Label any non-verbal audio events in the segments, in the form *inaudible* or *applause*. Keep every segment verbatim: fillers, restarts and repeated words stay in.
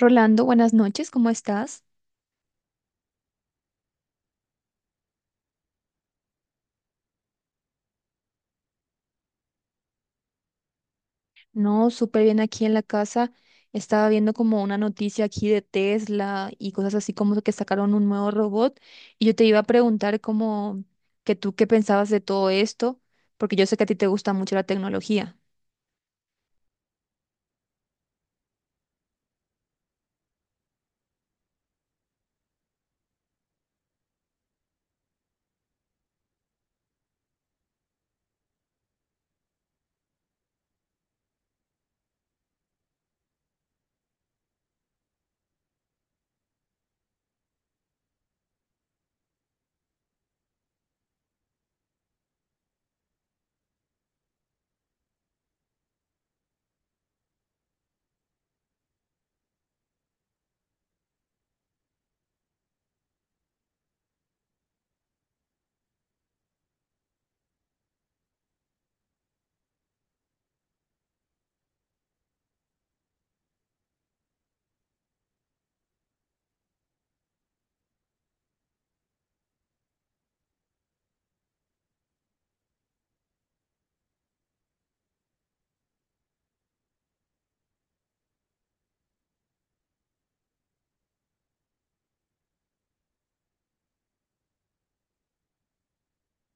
Rolando, buenas noches, ¿cómo estás? No, súper bien aquí en la casa. Estaba viendo como una noticia aquí de Tesla y cosas así como que sacaron un nuevo robot. Y yo te iba a preguntar como que tú qué pensabas de todo esto, porque yo sé que a ti te gusta mucho la tecnología.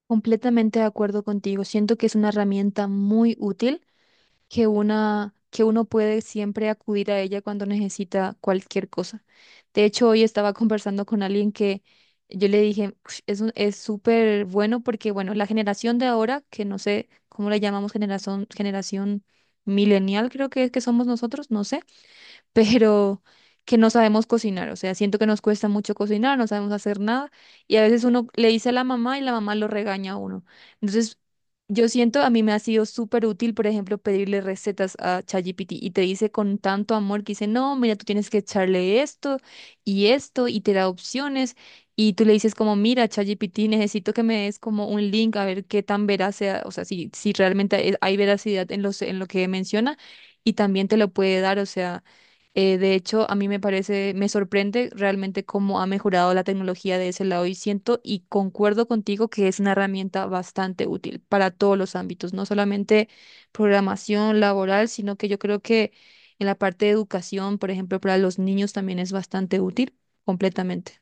Completamente de acuerdo contigo. Siento que es una herramienta muy útil que una que uno puede siempre acudir a ella cuando necesita cualquier cosa. De hecho, hoy estaba conversando con alguien que yo le dije: "Ush, es un- es súper bueno porque, bueno, la generación de ahora, que no sé cómo la llamamos, generación, generación millennial, creo que es que somos nosotros, no sé, pero que no sabemos cocinar, o sea, siento que nos cuesta mucho cocinar, no sabemos hacer nada y a veces uno le dice a la mamá y la mamá lo regaña a uno. Entonces, yo siento, a mí me ha sido súper útil, por ejemplo, pedirle recetas a ChatGPT y te dice con tanto amor que dice, no, mira, tú tienes que echarle esto y esto y te da opciones y tú le dices como, mira, ChatGPT, necesito que me des como un link a ver qué tan veraz sea, o sea, si, si realmente hay hay veracidad en los, en lo que menciona y también te lo puede dar, o sea. Eh, de hecho, a mí me parece, me sorprende realmente cómo ha mejorado la tecnología de ese lado y siento y concuerdo contigo que es una herramienta bastante útil para todos los ámbitos, no solamente programación laboral, sino que yo creo que en la parte de educación, por ejemplo, para los niños también es bastante útil completamente.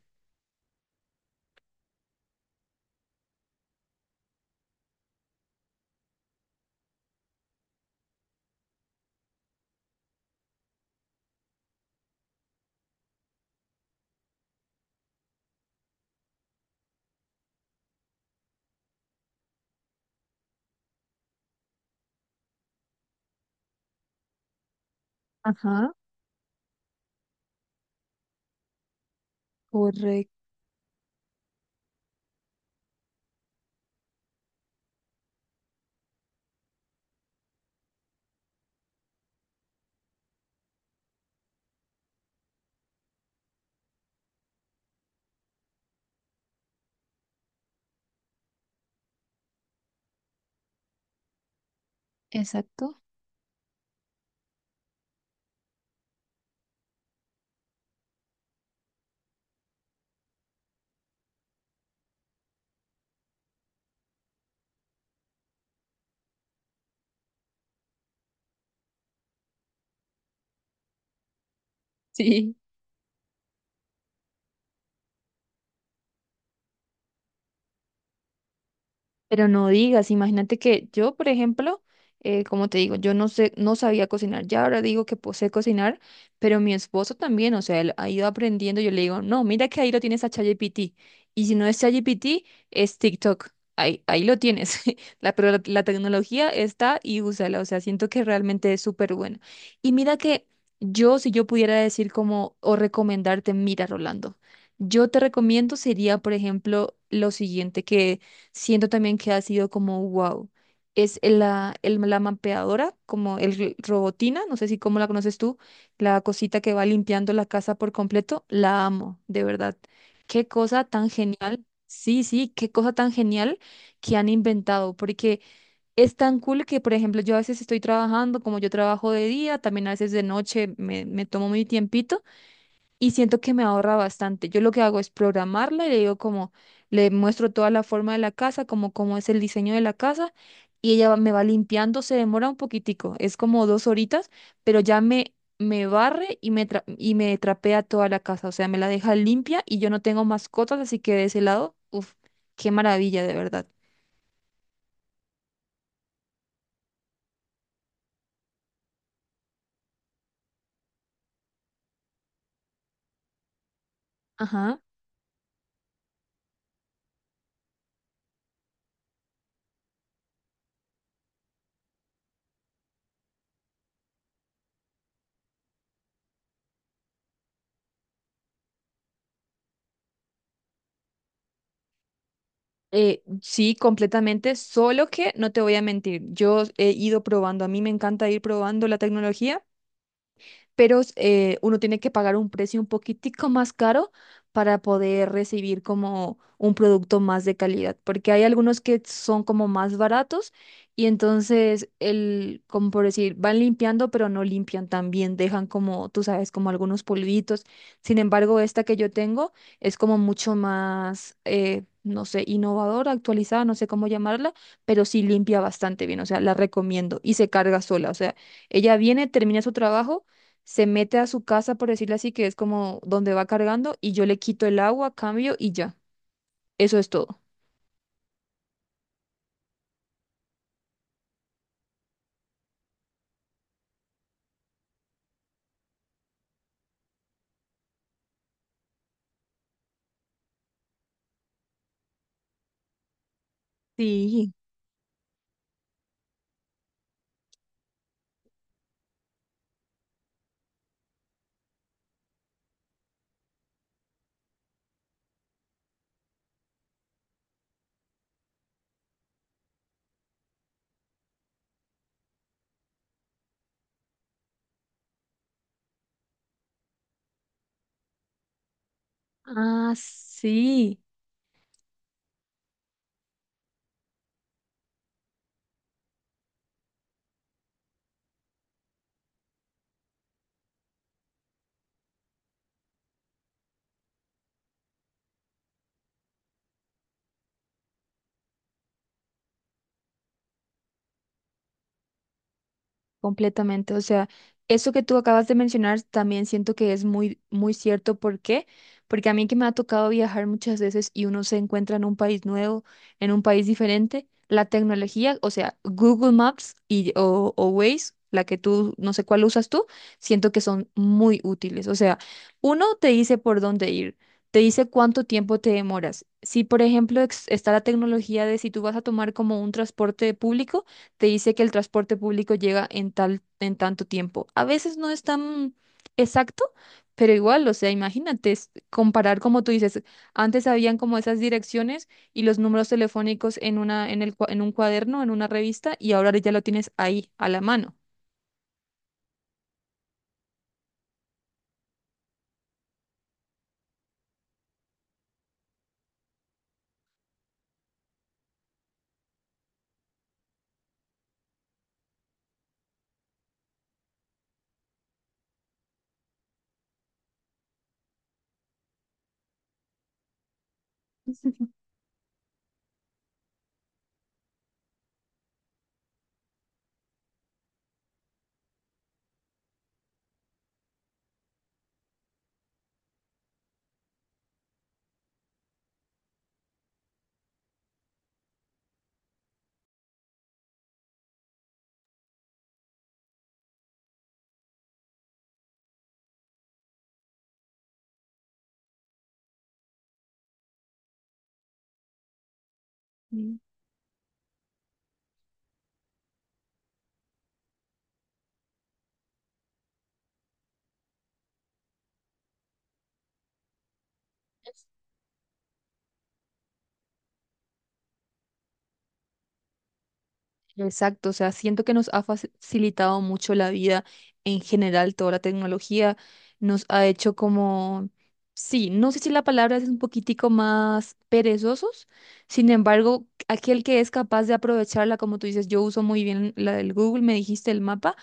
Ajá, correcto, exacto. Sí. Pero no digas, imagínate que yo, por ejemplo, eh, como te digo, yo no sé, no sabía cocinar, ya ahora digo que pues, sé cocinar, pero mi esposo también, o sea, él ha ido aprendiendo, yo le digo, no, mira que ahí lo tienes a ChatGPT, y si no es ChatGPT, es TikTok, ahí, ahí lo tienes, *laughs* la, pero la, la tecnología está y úsala, o sea, siento que realmente es súper buena. Y mira que yo, si yo pudiera decir como, o recomendarte, mira, Rolando, yo te recomiendo sería, por ejemplo, lo siguiente, que siento también que ha sido como wow. Es el- la, el- la mapeadora, como el r- robotina, no sé si cómo la conoces tú, la cosita que va limpiando la casa por completo, la amo, de verdad. Qué cosa tan genial. Sí, sí, qué cosa tan genial que han inventado, porque es tan cool que, por ejemplo, yo a veces estoy trabajando, como yo trabajo de día, también a veces de noche me, me tomo mi tiempito y siento que me ahorra bastante. Yo lo que hago es programarla y le digo como, le muestro toda la forma de la casa, como cómo es el diseño de la casa y ella va- me va limpiando, se demora un poquitico, es como dos horitas, pero ya me, me barre y me, tra- y me trapea toda la casa, o sea, me la deja limpia y yo no tengo mascotas, así que de ese lado, uff, qué maravilla, de verdad. Ajá. Eh, sí, completamente, solo que no te voy a mentir, yo he ido probando, a mí me encanta ir probando la tecnología, pero eh, uno tiene que pagar un precio un poquitico más caro para poder recibir como un producto más de calidad, porque hay algunos que son como más baratos y entonces el, como por decir, van limpiando, pero no limpian tan bien, dejan como, tú sabes, como algunos polvitos. Sin embargo, esta que yo tengo es como mucho más, eh, no sé, innovadora, actualizada, no sé cómo llamarla, pero sí limpia bastante bien, o sea, la recomiendo y se carga sola, o sea, ella viene, termina su trabajo, se mete a su casa, por decirlo así, que es como donde va cargando, y yo le quito el agua, cambio y ya. Eso es todo. Sí. Ah, sí. Completamente. O sea, eso que tú acabas de mencionar también siento que es muy, muy cierto. ¿Por qué? Porque a mí que me ha tocado viajar muchas veces y uno se encuentra en un país nuevo, en un país diferente, la tecnología, o sea, Google Maps y, o, o Waze, la que tú, no sé cuál usas tú, siento que son muy útiles. O sea, uno te dice por dónde ir, te dice cuánto tiempo te demoras. Si, por ejemplo, ex- está la tecnología de si tú vas a tomar como un transporte público, te dice que el transporte público llega en tal, en tanto tiempo. A veces no es tan exacto, pero igual, o sea, imagínate, es comparar como tú dices, antes habían como esas direcciones y los números telefónicos en una, en el, cua- en un cuaderno, en una revista, y ahora ya lo tienes ahí, a la mano. Exacto, o sea, siento que nos ha faci- facilitado mucho la vida en general, toda la tecnología nos ha hecho como, sí, no sé si la palabra es un poquitico más perezosos, sin embargo, aquel que es capaz de aprovecharla, como tú dices, yo uso muy bien la del Google, me dijiste el mapa.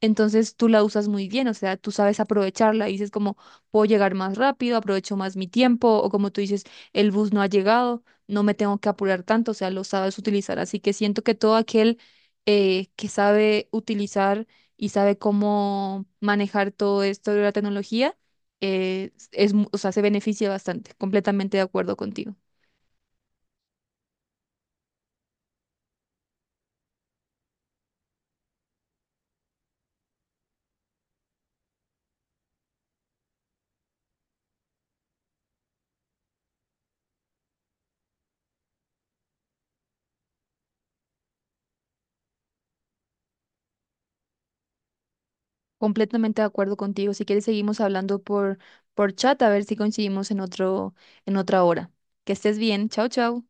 Entonces tú la usas muy bien, o sea, tú sabes aprovecharla y dices como, puedo llegar más rápido, aprovecho más mi tiempo, o como tú dices, el bus no ha llegado, no me tengo que apurar tanto, o sea, lo sabes utilizar. Así que siento que todo aquel eh, que sabe utilizar y sabe cómo manejar todo esto de la tecnología, eh, es, mu- o sea, se beneficia bastante, completamente de acuerdo contigo. Completamente de acuerdo contigo. Si quieres, seguimos hablando por, por chat a ver si coincidimos en otro, en otra hora. Que estés bien. Chao, chao.